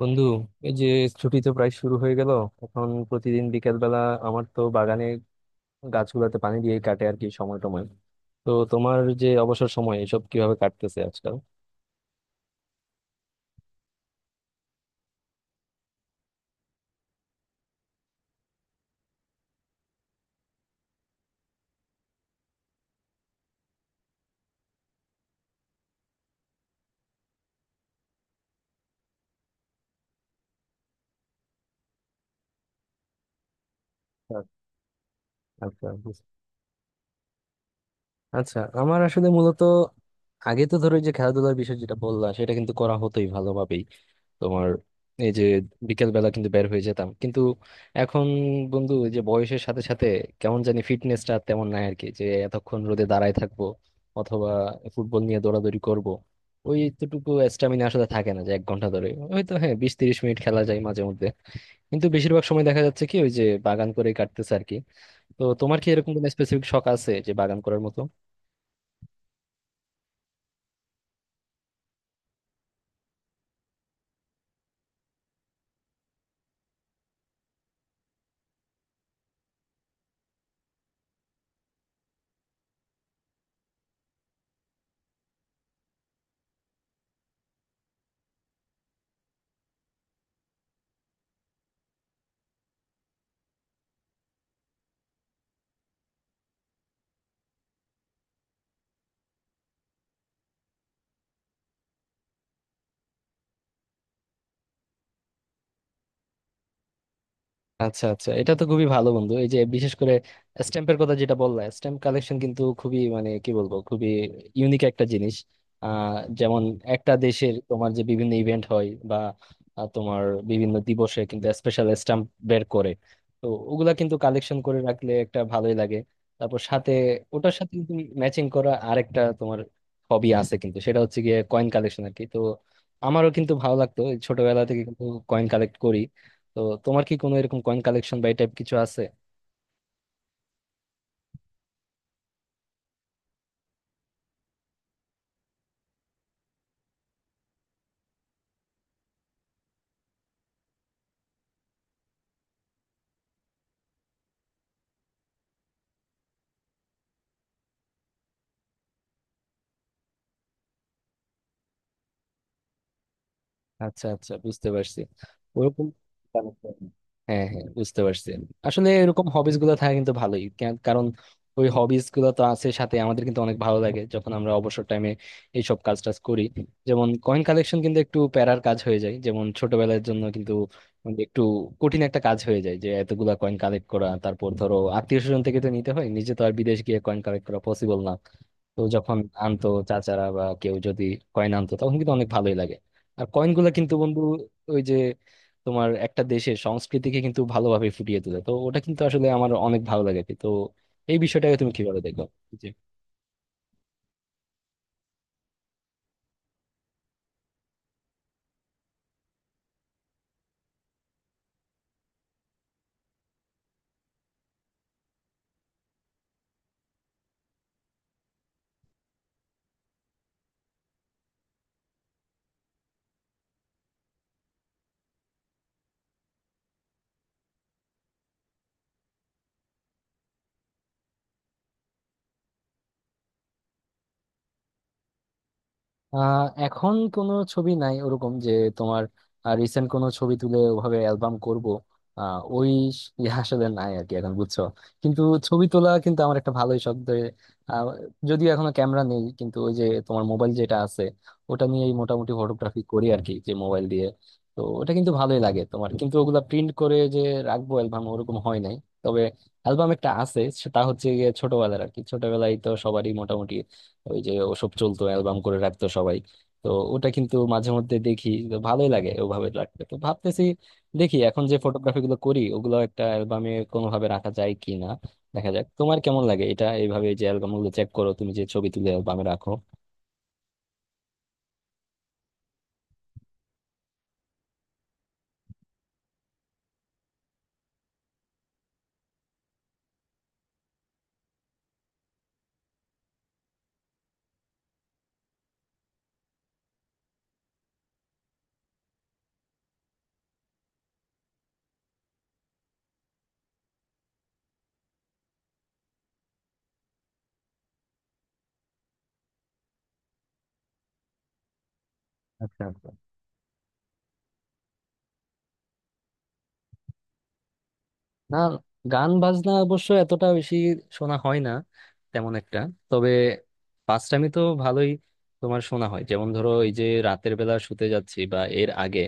বন্ধু, এই যে ছুটি তো প্রায় শুরু হয়ে গেল। এখন প্রতিদিন বিকেল বেলা আমার তো বাগানে গাছগুলোতে পানি দিয়ে কাটে আর কি, সময় টময়। তো তোমার যে অবসর সময়, এসব কিভাবে কাটতেছে আজকাল? আচ্ছা, আচ্ছা, আমার আসলে মূলত আগে তো ধরো এই যে খেলাধুলার বিষয় যেটা বললা, সেটা কিন্তু করা হতোই ভালোভাবেই। তোমার এই যে বিকেল বেলা কিন্তু বের হয়ে যেতাম, কিন্তু এখন, বন্ধু, এই যে বয়সের সাথে সাথে কেমন জানি ফিটনেসটা তেমন নাই আর কি, যে এতক্ষণ রোদে দাঁড়ায় থাকবো অথবা ফুটবল নিয়ে দৌড়াদৌড়ি করব। ওই এতটুকু স্ট্যামিনা আসলে থাকে না যে 1 ঘন্টা ধরে, হয়তো হ্যাঁ 20-30 মিনিট খেলা যায় মাঝে মধ্যে। কিন্তু বেশিরভাগ সময় দেখা যাচ্ছে কি, ওই যে বাগান করেই কাটতেছে আর কি। তো তোমার কি এরকম কোনো স্পেসিফিক শখ আছে, যে বাগান করার মতো? আচ্ছা আচ্ছা, এটা তো খুবই ভালো, বন্ধু। এই যে বিশেষ করে স্ট্যাম্পের কথা যেটা বললা, স্ট্যাম্প কালেকশন কিন্তু খুবই, মানে কি বলবো, খুবই ইউনিক একটা জিনিস। যেমন একটা দেশের তোমার যে বিভিন্ন ইভেন্ট হয়, বা তোমার বিভিন্ন দিবসে কিন্তু স্পেশাল স্ট্যাম্প বের করে। তো ওগুলা কিন্তু কালেকশন করে রাখলে একটা ভালোই লাগে। তারপর সাথে ওটার সাথে তুমি ম্যাচিং করা আরেকটা তোমার হবি আছে কিন্তু, সেটা হচ্ছে গিয়ে কয়েন কালেকশন আর কি। তো আমারও কিন্তু ভালো লাগতো, এই ছোটবেলা থেকে কিন্তু কয়েন কালেক্ট করি। তো তোমার কি কোনো এরকম কয়েন কালেকশন বা এই টাইপ কিছু আছে? আচ্ছা আচ্ছা, বুঝতে পারছি। ওরকম হ্যাঁ হ্যাঁ, বুঝতে পারছি। আসলে এরকম হবিস গুলো থাকা কিন্তু ভালোই, কারণ ওই হবিস গুলো তো আছে সাথে আমাদের, কিন্তু অনেক ভালো লাগে যখন আমরা অবসর টাইমে এইসব কাজ টাজ করি। যেমন কয়েন কালেকশন কিন্তু একটু প্যারার কাজ হয়ে যায়, যেমন ছোটবেলার জন্য কিন্তু মানে একটু কঠিন একটা কাজ হয়ে যায়, যে এতগুলা কয়েন কালেক্ট করা। তারপর ধরো আত্মীয় স্বজন থেকে তো নিতে হয়, নিজে তো আর বিদেশ গিয়ে কয়েন কালেক্ট করা পসিবল না। তো যখন আনতো চাচারা বা কেউ যদি কয়েন আনতো, তখন কিন্তু অনেক ভালোই লাগে। আর কয়েনগুলো কিন্তু, বন্ধু, ওই যে তোমার একটা দেশের সংস্কৃতিকে কিন্তু ভালোভাবে ফুটিয়ে তোলে। তো ওটা কিন্তু আসলে আমার অনেক ভালো লাগে। তো এই বিষয়টাকে তুমি কিভাবে দেখো? এখন কোনো ছবি নাই, ওরকম যে তোমার রিসেন্ট কোনো ছবি তুলে ওভাবে অ্যালবাম করব। আহ, ওই স- ইয়ে আসলে নাই আর কি এখন, বুঝছো? কিন্তু ছবি তোলা কিন্তু আমার একটা ভালোই শখ আহ, যদিও এখনো ক্যামেরা নেই, কিন্তু ওই যে তোমার মোবাইল যেটা আছে, ওটা নিয়েই মোটামুটি ফটোগ্রাফি করি আর কি, যে মোবাইল দিয়ে। তো ওটা কিন্তু ভালোই লাগে। তোমার কিন্তু ওগুলা প্রিন্ট করে যে রাখবো অ্যালবাম, ওরকম হয় নাই। তবে অ্যালবাম একটা আছে, সেটা হচ্ছে গিয়ে ছোটবেলার আর কি। ছোটবেলায় তো সবারই মোটামুটি ওই যে ওসব চলতো, অ্যালবাম করে রাখতো সবাই। তো ওটা কিন্তু মাঝে মধ্যে দেখি, তো ভালোই লাগে ওভাবে রাখতে। তো ভাবতেছি, দেখি এখন যে ফটোগ্রাফি গুলো করি ওগুলো একটা অ্যালবামে কোনোভাবে রাখা যায় কি না। দেখা যাক। তোমার কেমন লাগে এটা এইভাবে, যে অ্যালবাম গুলো চেক করো তুমি যে ছবি তুলে অ্যালবামে রাখো? আচ্ছা। না, গান বাজনা অবশ্য এতটা বেশি শোনা হয় না তেমন একটা। তবে পাঁচটামি তো ভালোই তোমার শোনা হয়, যেমন ধরো এই যে রাতের বেলা শুতে যাচ্ছি বা এর আগে,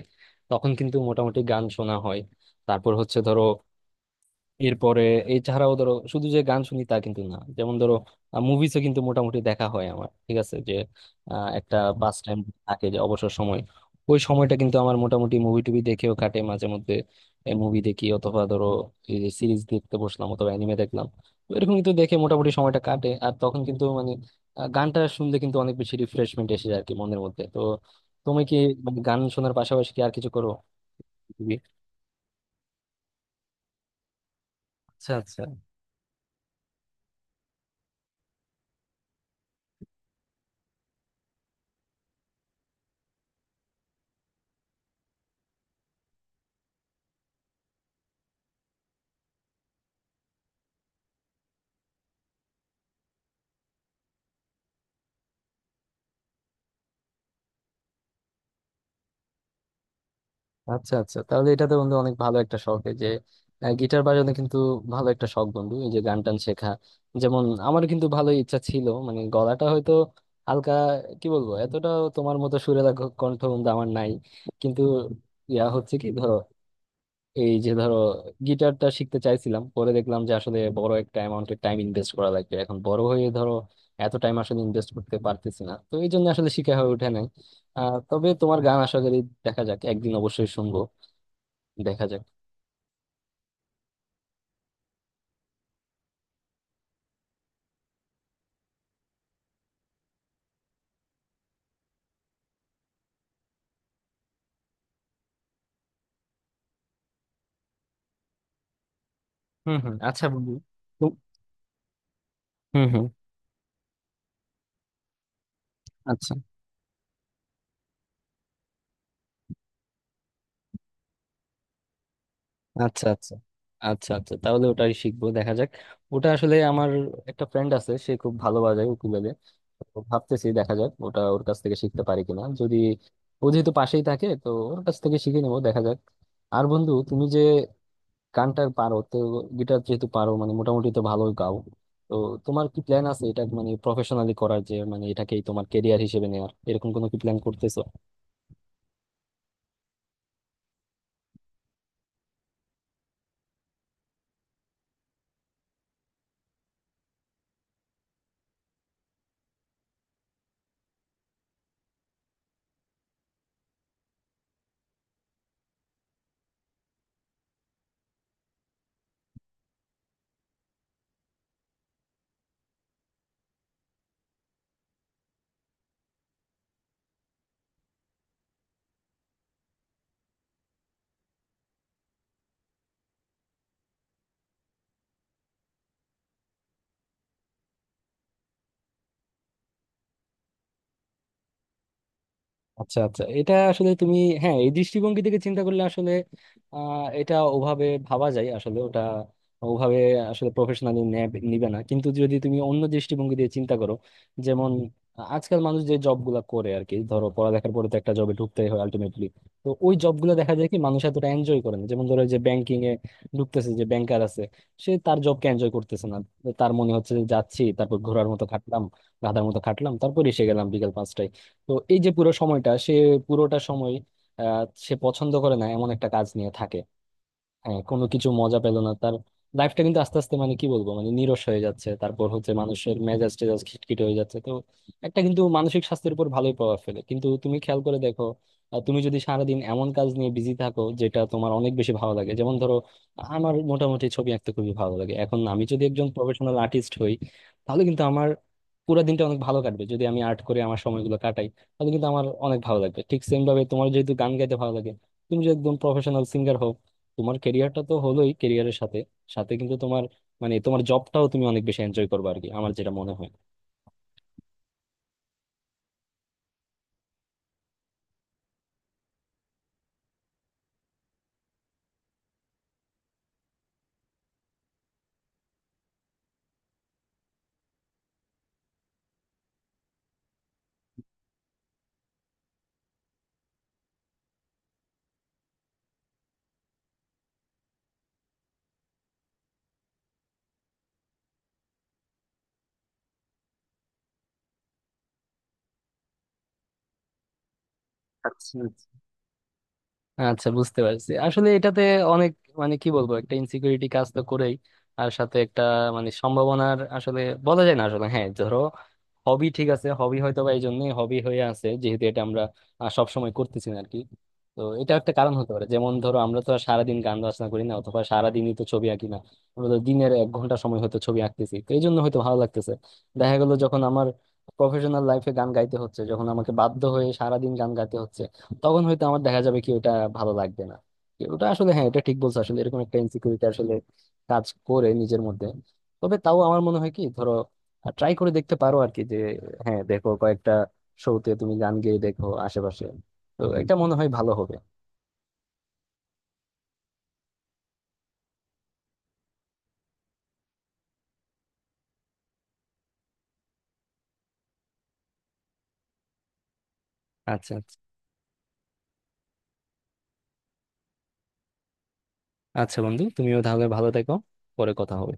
তখন কিন্তু মোটামুটি গান শোনা হয়। তারপর হচ্ছে ধরো এরপরে, এছাড়াও ধরো শুধু যে গান শুনি তা কিন্তু না, যেমন ধরো মুভিজও কিন্তু মোটামুটি দেখা হয় আমার। ঠিক আছে, যে একটা পাস টাইম থাকে, যে অবসর সময় ওই সময়টা কিন্তু আমার মোটামুটি মুভি টুভি দেখেও কাটে মাঝে মধ্যে। মুভি দেখি অথবা ধরো এই যে সিরিজ দেখতে বসলাম, অথবা অ্যানিমে দেখলাম। তো এরকম কিন্তু দেখে মোটামুটি সময়টা কাটে। আর তখন কিন্তু মানে গানটা শুনলে কিন্তু অনেক বেশি রিফ্রেশমেন্ট এসে যায় আর কি মনের মধ্যে। তো তুমি কি, মানে গান শোনার পাশাপাশি কি আর কিছু করো? আচ্ছা আচ্ছা। আচ্ছা আচ্ছা, তাহলে এটা তো, বন্ধু, অনেক ভালো একটা শখ। এই যে গিটার বাজানো কিন্তু ভালো একটা শখ, বন্ধু। এই যে গান টান শেখা, যেমন আমারও কিন্তু ভালো ইচ্ছা ছিল। মানে গলাটা হয়তো হালকা, কি বলবো, এতটা তোমার মতো সুরেলা কণ্ঠ, বন্ধু, আমার নাই। কিন্তু হচ্ছে কি ধরো, এই যে ধরো গিটারটা শিখতে চাইছিলাম, পরে দেখলাম যে আসলে বড় একটা অ্যামাউন্টের টাইম ইনভেস্ট করা লাগবে। এখন বড় হয়ে ধরো এত টাইম আসলে ইনভেস্ট করতে পারতেছি না, তো এই জন্য আসলে শিখা হয়ে ওঠে নাই। আহ, তবে তোমার গান আশা করি দেখা যাক একদিন অবশ্যই শুনবো। দেখা যাক। হুম হুম, আচ্ছা বন্ধু। তো- হুম হুম। আচ্ছা আচ্ছা। আচ্ছা আচ্ছা, আচ্ছা, তাহলে ওটাই শিখবো, দেখা যাক। ওটা আসলে আমার একটা ফ্রেন্ড আছে, সে খুব ভালো বাজায় উকুলেলে। তো ভাবতেছি দেখা যাক ওটা ওর কাছ থেকে শিখতে পারি কিনা, যদি ও যেহেতু পাশেই থাকে তো ওর কাছ থেকে শিখে নেবো, দেখা যাক। আর বন্ধু, তুমি যে গানটার পারো তো, গিটার যেহেতু পারো, মানে মোটামুটি তো ভালোই গাও। তো তোমার কি প্ল্যান আছে এটা মানে প্রফেশনালি করার, যে মানে এটাকেই তোমার কেরিয়ার হিসেবে নেওয়ার, এরকম কোনো কি প্ল্যান করতেছো? আচ্ছা আচ্ছা, এটা আসলে তুমি, হ্যাঁ, এই দৃষ্টিভঙ্গি থেকে চিন্তা করলে আসলে আহ, এটা ওভাবে ভাবা যায়। আসলে ওটা ওভাবে আসলে প্রফেশনালি নিবে না, কিন্তু যদি তুমি অন্য দৃষ্টিভঙ্গি দিয়ে চিন্তা করো, যেমন আজকাল মানুষ যে জব গুলা করে আর কি, ধরো পড়ালেখার পরে তো একটা জবে ঢুকতেই হয় আলটিমেটলি। তো ওই জব গুলো দেখা যায় কি, মানুষ এতটা এনজয় করে না। যেমন ধরো যে ব্যাংকিং এ ঢুকতেছে, যে ব্যাংকার আছে, সে তার জবকে এনজয় করতেছে না। তার মনে হচ্ছে যে যাচ্ছি, তারপর ঘোড়ার মতো খাটলাম, গাধার মতো খাটলাম, তারপর এসে গেলাম বিকেল 5টায়। তো এই যে পুরো সময়টা সে পুরোটা সময় আহ, সে পছন্দ করে না এমন একটা কাজ নিয়ে থাকে। হ্যাঁ, কোনো কিছু মজা পেল না তার। লাইফটা কিন্তু আস্তে আস্তে, মানে কি বলবো, মানে নিরস হয়ে যাচ্ছে। তারপর হচ্ছে মানুষের মেজাজ টেজাজ খিটখিটে হয়ে যাচ্ছে। তো একটা কিন্তু মানসিক স্বাস্থ্যের উপর ভালোই প্রভাব ফেলে কিন্তু, তুমি খেয়াল করে দেখো। তুমি যদি সারাদিন এমন কাজ নিয়ে বিজি থাকো যেটা তোমার অনেক বেশি ভালো লাগে, যেমন ধরো আমার মোটামুটি ছবি আঁকতে খুবই ভালো লাগে, এখন আমি যদি একজন প্রফেশনাল আর্টিস্ট হই, তাহলে কিন্তু আমার পুরো দিনটা অনেক ভালো কাটবে, যদি আমি আর্ট করে আমার সময়গুলো কাটাই। তাহলে কিন্তু আমার অনেক ভালো লাগবে। ঠিক সেম ভাবে তোমার যেহেতু গান গাইতে ভালো লাগে, তুমি যদি একদম প্রফেশনাল সিঙ্গার হও, তোমার কেরিয়ারটা তো হলোই, কেরিয়ারের সাথে সাথে কিন্তু তোমার, মানে তোমার জবটাও তুমি অনেক বেশি এনজয় করবে আর কি। আমার যেটা মনে হয়। আচ্ছা, বুঝতে পারছি আসলে এটাতে অনেক, মানে কি বলবো, একটা ইনসিকিউরিটি কাজ তো করেই। আর সাথে একটা, মানে সম্ভাবনার আসলে বলা যায় না আসলে, হ্যাঁ ধরো হবি ঠিক আছে, হবি হয়তো বা এই জন্যই হবি হয়ে আছে, যেহেতু এটা আমরা সবসময় করতেছি না আর কি। তো এটা একটা কারণ হতে পারে। যেমন ধরো আমরা তো আর সারাদিন গান বাজনা করি না, অথবা সারাদিনই তো ছবি আঁকি না। আমরা তো দিনের 1 ঘন্টা সময় হয়তো ছবি আঁকতেছি, তো এই জন্য হয়তো ভালো লাগতেছে। দেখা গেলো যখন আমার প্রফেশনাল লাইফে গান গাইতে হচ্ছে, যখন আমাকে বাধ্য হয়ে সারাদিন গান গাইতে হচ্ছে, তখন হয়তো আমার দেখা যাবে কি ওটা ভালো লাগবে না। কি ওটা আসলে, হ্যাঁ, এটা ঠিক বলছো আসলে, এরকম একটা ইনসিকিউরিটি আসলে কাজ করে নিজের মধ্যে। তবে তাও আমার মনে হয় কি, ধরো ট্রাই করে দেখতে পারো আর কি, যে হ্যাঁ দেখো কয়েকটা শোতে তুমি গান গেয়ে দেখো আশেপাশে। তো এটা মনে হয় ভালো হবে। আচ্ছা আচ্ছা, আচ্ছা বন্ধু, তুমিও তাহলে ভালো থেকো। পরে কথা হবে।